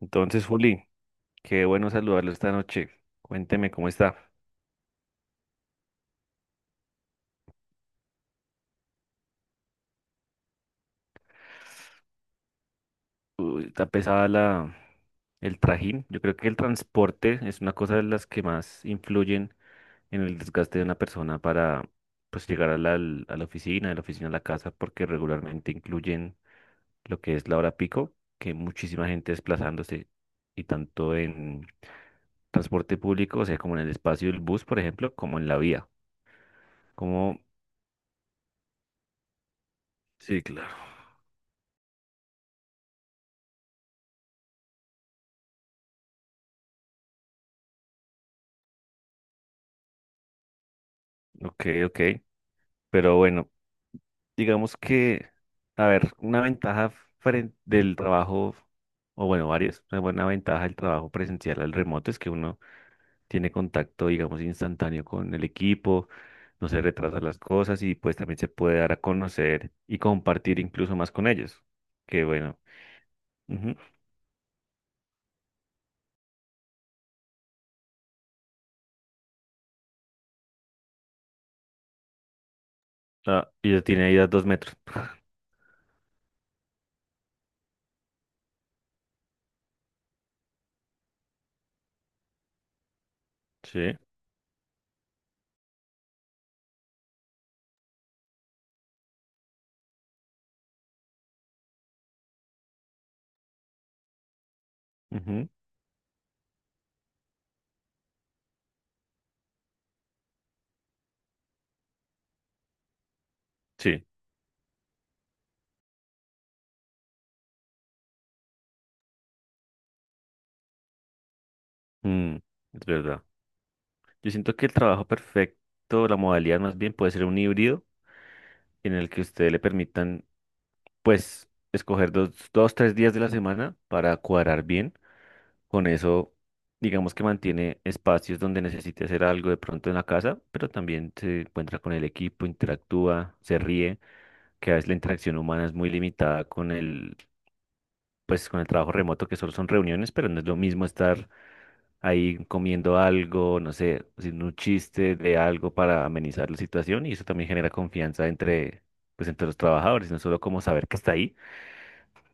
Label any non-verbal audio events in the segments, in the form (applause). Entonces, Juli, qué bueno saludarlo esta noche. Cuénteme cómo está. Uy, está pesada el trajín. Yo creo que el transporte es una cosa de las que más influyen en el desgaste de una persona para pues llegar a la oficina, de la oficina a la casa, porque regularmente incluyen lo que es la hora pico, que hay muchísima gente desplazándose, y tanto en transporte público, o sea, como en el espacio del bus, por ejemplo, como en la vía. Como... Sí, claro. Ok, ok. Pero bueno. Digamos que, a ver, una ventaja frente del trabajo, o bueno, varias, una buena ventaja del trabajo presencial al remoto es que uno tiene contacto, digamos, instantáneo con el equipo, no se retrasan las cosas y pues también se puede dar a conocer y compartir incluso más con ellos. Que bueno. Ujú. Ah, y ya tiene ahí a 2 metros. (laughs) Sí. Ujú, sí. mm, es verdad. Yo siento que el trabajo perfecto, la modalidad más bien, puede ser un híbrido en el que ustedes le permitan pues escoger dos, tres días de la semana para cuadrar bien. Con eso, digamos que mantiene espacios donde necesite hacer algo de pronto en la casa, pero también se encuentra con el equipo, interactúa, se ríe, que a veces la interacción humana es muy limitada con el, pues, con el trabajo remoto, que solo son reuniones, pero no es lo mismo estar ahí comiendo algo, no sé, haciendo un chiste de algo para amenizar la situación y eso también genera confianza entre, pues, entre los trabajadores, no solo como saber que está ahí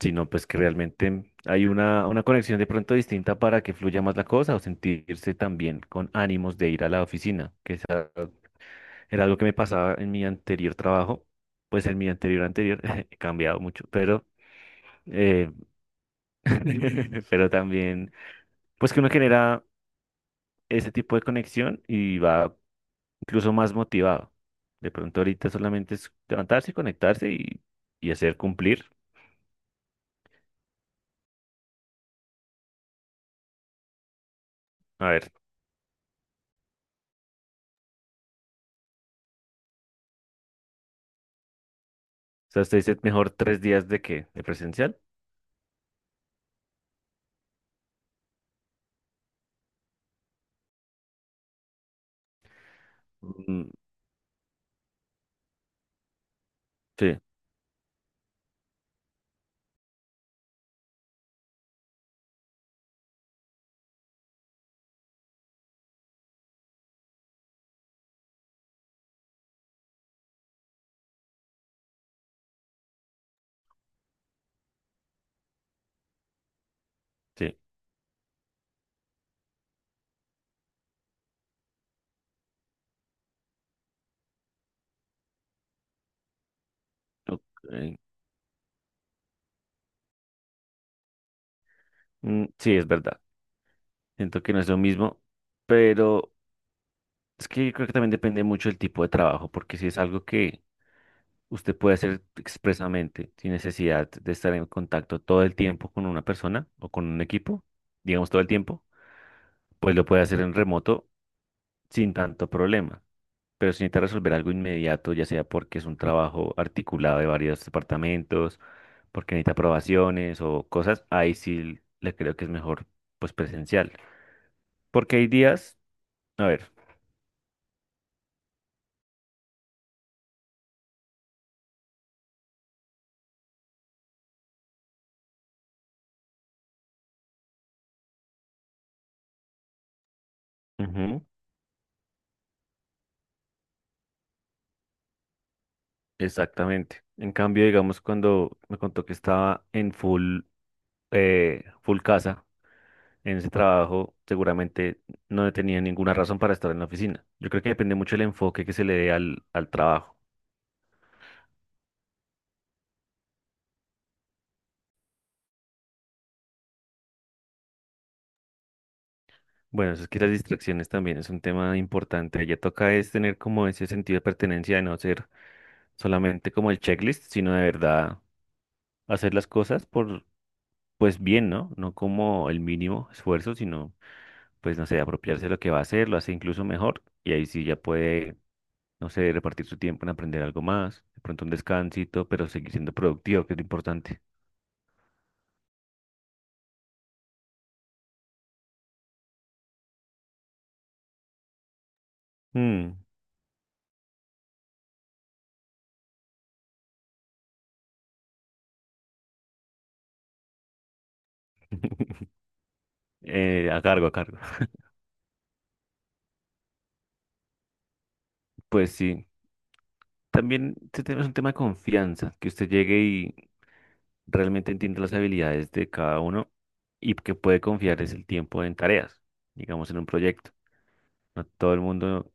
sino pues que realmente hay una conexión de pronto distinta para que fluya más la cosa o sentirse también con ánimos de ir a la oficina, que esa era algo que me pasaba en mi anterior trabajo, pues en mi anterior anterior, (laughs) he cambiado mucho, pero, eh, (laughs) pero también, pues que uno genera ese tipo de conexión y va incluso más motivado. De pronto ahorita solamente es levantarse, conectarse y hacer cumplir. A ver, o sea, usted dice mejor 3 días de presencial. Mm, sí, sí, ok. Mm, sí, es verdad. Siento que no es lo mismo, pero es que yo creo que también depende mucho del tipo de trabajo, porque si es algo que usted puede hacer expresamente, sin necesidad de estar en contacto todo el tiempo con una persona o con un equipo, digamos todo el tiempo, pues lo puede hacer en remoto sin tanto problema. Pero se necesita resolver algo inmediato, ya sea porque es un trabajo articulado de varios departamentos, porque necesita aprobaciones o cosas, ahí sí le creo que es mejor, pues presencial. Porque hay días, a ver, ujú, exactamente. En cambio, digamos, cuando me contó que estaba en full casa, en ese trabajo, seguramente no tenía ninguna razón para estar en la oficina. Yo creo que depende mucho del enfoque que se le dé al trabajo. Bueno, eso es que las distracciones también es un tema importante. Ya toca es tener como ese sentido de pertenencia de no ser solamente como el checklist, sino de verdad hacer las cosas por, pues bien, ¿no? No como el mínimo esfuerzo, sino, pues no sé, apropiarse de lo que va a hacer, lo hace incluso mejor y ahí sí ya puede, no sé, repartir su tiempo en aprender algo más, de pronto un descansito, pero seguir siendo productivo, que es lo importante. Mm, a cargo, a cargo. (laughs) Pues sí. También este tema es un tema de confianza, que usted llegue y realmente entiende las habilidades de cada uno y que puede confiar es el tiempo en tareas, digamos en un proyecto. No todo el mundo,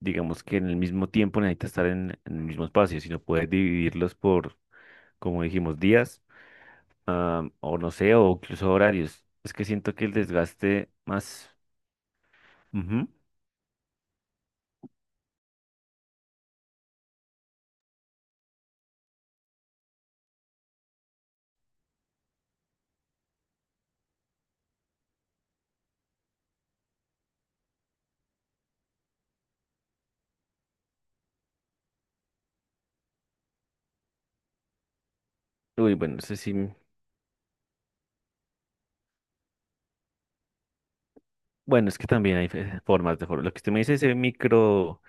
digamos que en el mismo tiempo necesita estar en el mismo espacio, sino puedes dividirlos por, como dijimos, días, ah, o no sé, o incluso horarios. Es que siento que el desgaste más... Ujú. Uy, bueno, no sé si... Bueno, es que también hay fe- formas de... for- Lo que usted me dice, ese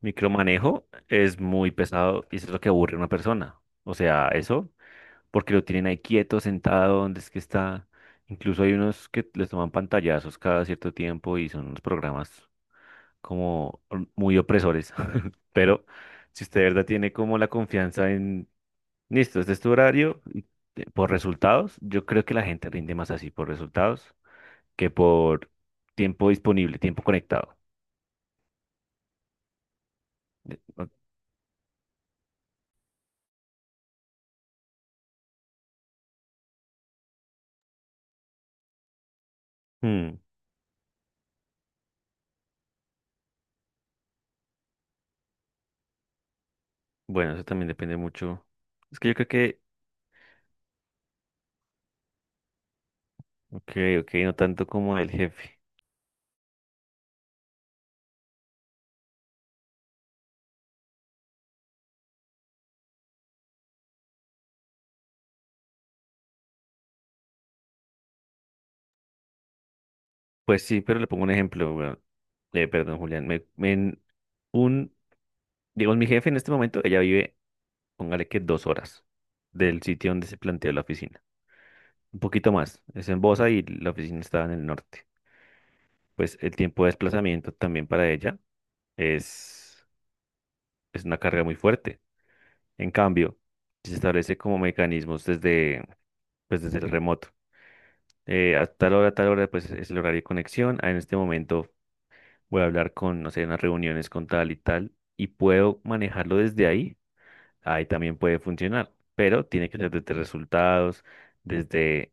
micromanejo es muy pesado y eso es lo que aburre a una persona. O sea, eso porque lo tienen ahí quieto, sentado, donde es que está. Incluso hay unos que les toman pantallazos cada cierto tiempo y son unos programas como muy opresores. (laughs) Pero si usted de verdad tiene como la confianza en, listo, este es tu horario, y por resultados, yo creo que la gente rinde más así por resultados que por tiempo disponible, tiempo conectado. De- o- Hmm. Bueno, eso también depende mucho. Es que yo creo que, ok, ok, no tanto como el jefe. Pues sí, pero le pongo un ejemplo, weón. Perdón, Julián. Un, digamos, mi jefe en este momento, ella vive, póngale que 2 horas del sitio donde se planteó la oficina. Un poquito más. Es en Bosa y la oficina está en el norte. Pues el tiempo de desplazamiento también para ella es, es una carga muy fuerte. En cambio, se establece como mecanismos desde, pues desde el remoto. A tal hora, a tal hora, pues es el horario de conexión. Ah, en este momento, voy a hablar con, no sé, unas reuniones con tal y tal, y puedo manejarlo desde ahí, ahí también puede funcionar, pero tiene que ser desde resultados, desde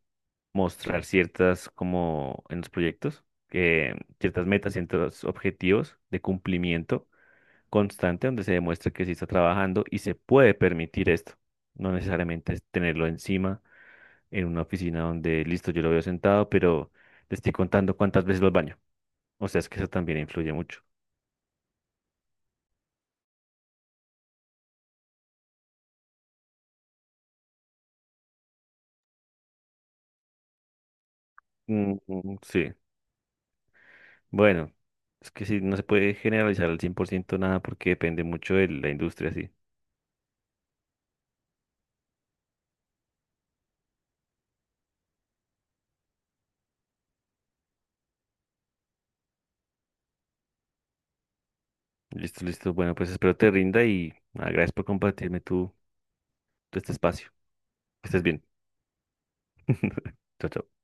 mostrar ciertas, como en los proyectos, que ciertas metas, ciertos objetivos de cumplimiento constante, donde se demuestre que sí está trabajando y se puede permitir esto. No necesariamente es tenerlo encima en una oficina donde, listo, yo lo veo sentado, pero le estoy contando cuántas veces lo baño. O sea, es que eso también influye mucho. Mm, mm, sí, bueno, es que sí, no se puede generalizar al 100% nada porque depende mucho de la industria, sí. Listo, listo. Bueno, pues espero te rinda y nada, gracias por compartirme tu, este espacio. Que estés bien. (laughs) Chao, chao.